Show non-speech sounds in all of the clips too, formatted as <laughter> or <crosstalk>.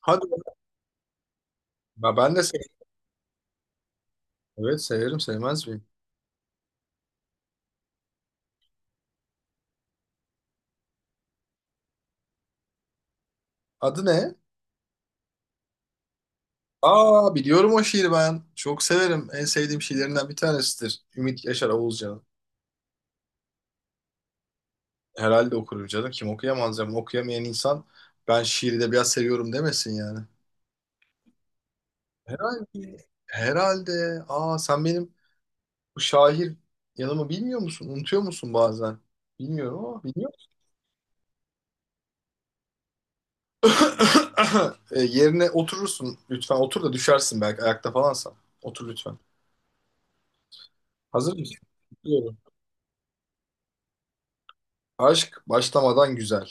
Hadi. Ya ben de severim. Evet severim sevmez miyim? Adı ne? Aa biliyorum o şiiri ben. Çok severim. En sevdiğim şiirlerinden bir tanesidir. Ümit Yaşar Oğuzcan'ın. Herhalde okurum canım. Kim okuyamaz canım. Okuyamayan insan ben şiiri de biraz seviyorum demesin yani. Herhalde. Herhalde. Aa sen benim bu şair yanımı bilmiyor musun? Unutuyor musun bazen? Bilmiyorum ama biliyor musun? <coughs> Yerine oturursun. Lütfen otur da düşersin belki ayakta falansan. Otur lütfen. Hazır mısın? Bekliyorum. Aşk başlamadan güzel.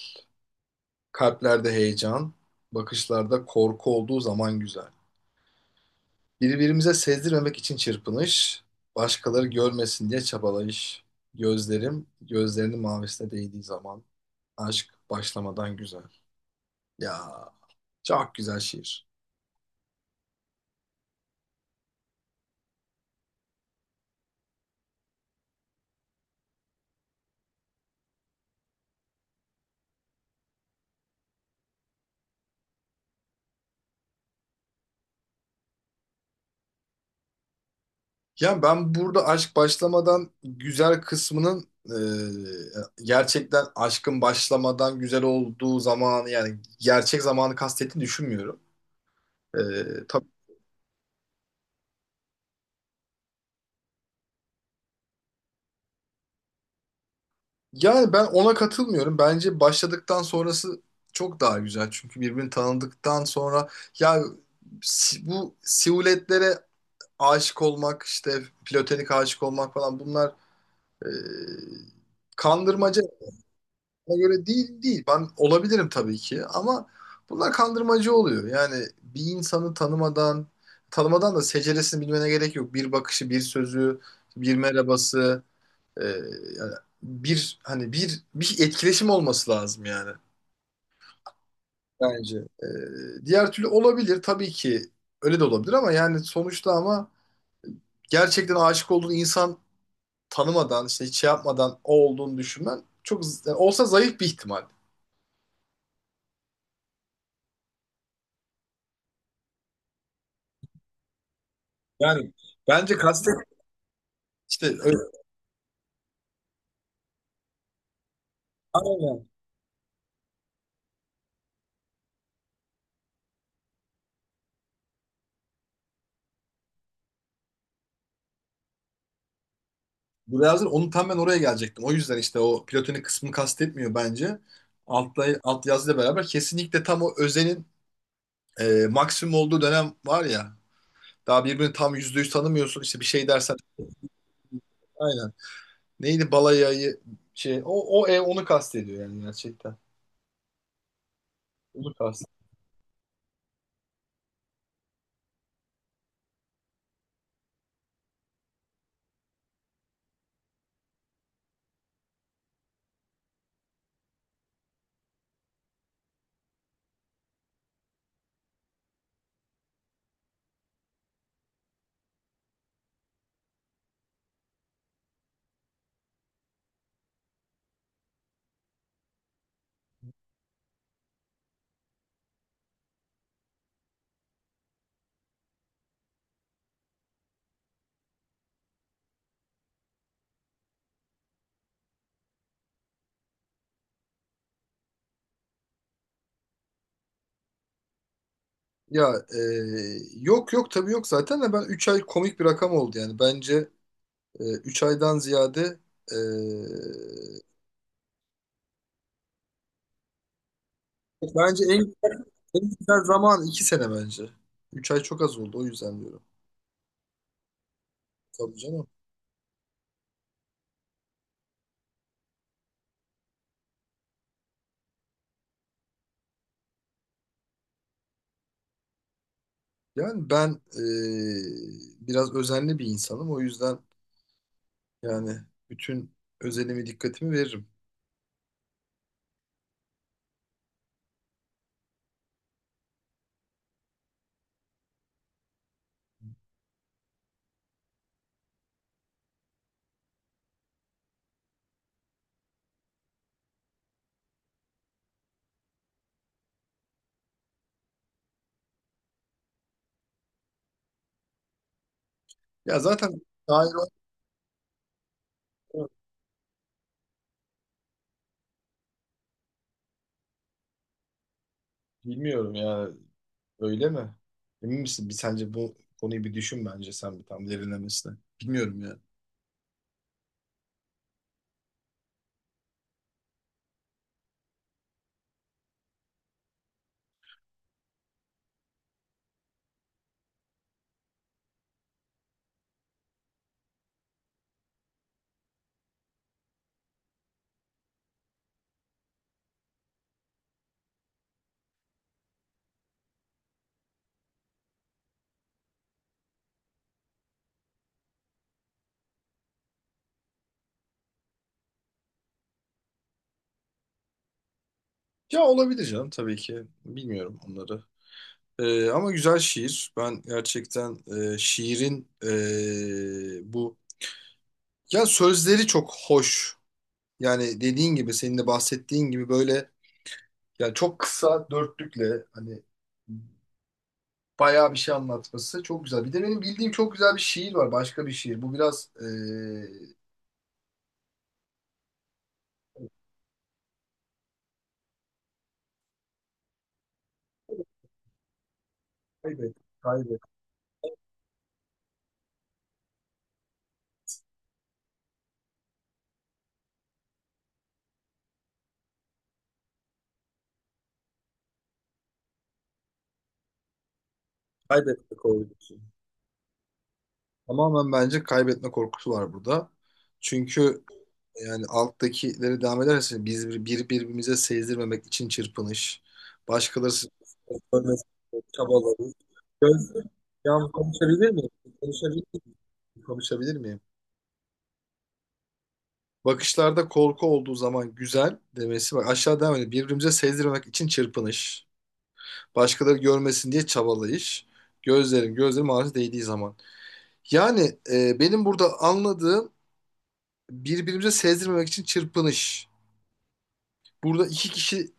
Kalplerde heyecan, bakışlarda korku olduğu zaman güzel. Birbirimize sezdirmemek için çırpınış, başkaları görmesin diye çabalayış. Gözlerim, gözlerinin mavisine değdiği zaman aşk başlamadan güzel. Ya çok güzel şiir. Ya ben burada aşk başlamadan güzel kısmının gerçekten aşkın başlamadan güzel olduğu zamanı yani gerçek zamanı kastettiğini düşünmüyorum. E, tabii. Yani ben ona katılmıyorum. Bence başladıktan sonrası çok daha güzel. Çünkü birbirini tanıdıktan sonra ya bu siluetlere aşık olmak işte platonik aşık olmak falan bunlar e, kandırmaca. Bana göre değil değil. Ben olabilirim tabii ki ama bunlar kandırmacı oluyor. Yani bir insanı tanımadan tanımadan da seceresini bilmene gerek yok. Bir bakışı, bir sözü, bir merhabası. Ee, yani bir hani bir etkileşim olması lazım yani bence. Diğer türlü olabilir tabii ki öyle de olabilir ama yani sonuçta ama gerçekten aşık olduğun insan tanımadan işte hiç şey yapmadan o olduğunu düşünmen çok yani olsa zayıf bir ihtimal. Yani bence işte öyle, aynen. Bu lazım. Onu tam ben oraya gelecektim. O yüzden işte o platonik kısmını kastetmiyor bence. Alt yazıyla beraber kesinlikle tam o özenin maksimum olduğu dönem var ya. Daha birbirini tam %100 tanımıyorsun. İşte bir şey dersen aynen. Neydi balayayı şey o ev onu kastediyor yani gerçekten. Onu kast. Ya yok yok tabii yok zaten de ben 3 ay komik bir rakam oldu yani. Bence 3 aydan ziyade e, bence en güzel zaman 2 sene bence. 3 ay çok az oldu o yüzden diyorum. Tabii canım. Yani ben biraz özenli bir insanım. O yüzden yani bütün özenimi dikkatimi veririm. Ya zaten dair olmuyor. Bilmiyorum ya, öyle mi? Emin misin? Bir sence bu konuyu bir düşün bence sen bir tam derinlemesine. Bilmiyorum ya. Ya olabilir canım tabii ki. Bilmiyorum onları. Ama güzel şiir. Ben gerçekten şiirin bu ya sözleri çok hoş. Yani dediğin gibi senin de bahsettiğin gibi böyle yani çok kısa dörtlükle hani bayağı bir şey anlatması. Çok güzel. Bir de benim bildiğim çok güzel bir şiir var. Başka bir şiir. Bu biraz kaybet, kaybet, kaybetme korkusu. Tamamen bence kaybetme korkusu var burada. Çünkü yani alttakileri devam ederse biz birbirimize sezdirmemek için çırpınış, başkaları görmesin çabaları. Gözde, yalnız konuşabilir miyim? Konuşabilir miyim? Konuşabilir miyim? Bakışlarda korku olduğu zaman güzel demesi. Bak aşağı devam ediyor. Birbirimize sezdirmek için çırpınış. Başkaları görmesin diye çabalayış. Gözlerin ağzı değdiği zaman. Yani benim burada anladığım birbirimize sezdirmemek için çırpınış. Burada iki kişi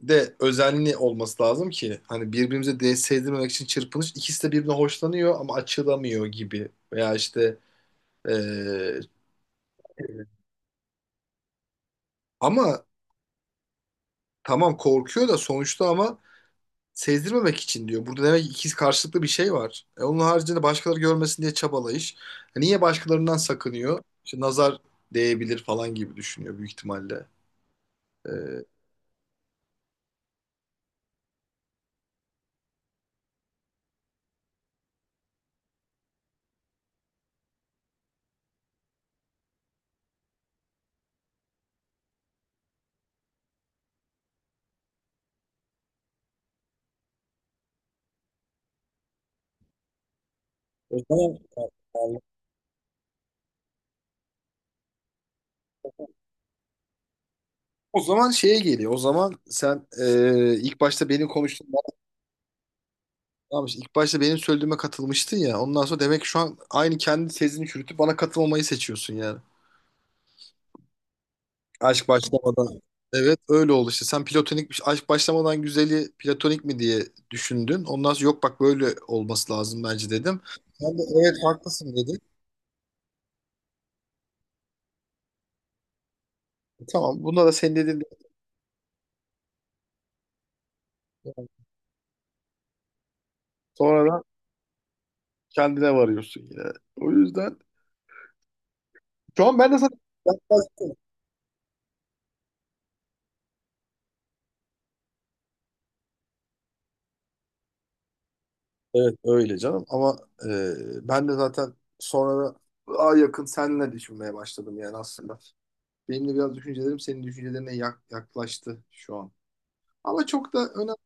de özenli olması lazım ki hani birbirimize de sezdirmemek için çırpınış. İkisi de birbirine hoşlanıyor ama açılamıyor gibi. Veya işte e, ama tamam korkuyor da sonuçta ama sezdirmemek için diyor. Burada demek ki ikiz karşılıklı bir şey var. E onun haricinde başkaları görmesin diye çabalayış. E niye başkalarından sakınıyor? İşte nazar değebilir falan gibi düşünüyor büyük ihtimalle. E, o zaman o zaman şeye geliyor. O zaman sen ilk başta benim konuştuğum anlamış. İlk başta benim söylediğime katılmıştın ya. Ondan sonra demek ki şu an aynı kendi tezini çürütüp bana katılmamayı seçiyorsun yani. Aşk başlamadan. Evet, öyle oldu işte. Sen platonik bir şey, aşk başlamadan güzeli platonik mi diye düşündün. Ondan sonra yok bak böyle olması lazım bence dedim. Ben de evet haklısın dedim. Tamam, bunda da senin dediğin sonradan kendine varıyorsun yine. O yüzden şu an ben de zaten. Evet öyle canım ama ben de zaten sonra daha yakın seninle düşünmeye başladım yani aslında. Benim de biraz düşüncelerim senin düşüncelerine yaklaştı şu an. Ama çok da önemli.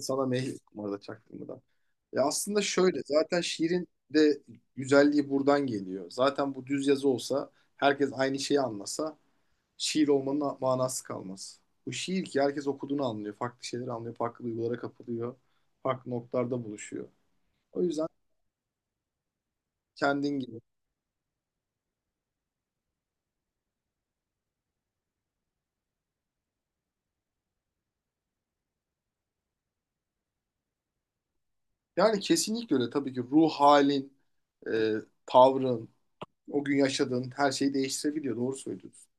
Sana meyil numarada çaktığımı da. Ya aslında şöyle zaten şiirin de güzelliği buradan geliyor. Zaten bu düz yazı olsa herkes aynı şeyi anlasa şiir olmanın manası kalmaz. Bu şiir ki herkes okuduğunu anlıyor. Farklı şeyleri anlıyor. Farklı duygulara kapılıyor. Farklı noktalarda buluşuyor. O yüzden kendin gibi. Yani kesinlikle öyle. Tabii ki ruh halin, e, tavrın, o gün yaşadığın her şeyi değiştirebiliyor. Doğru söylüyorsun.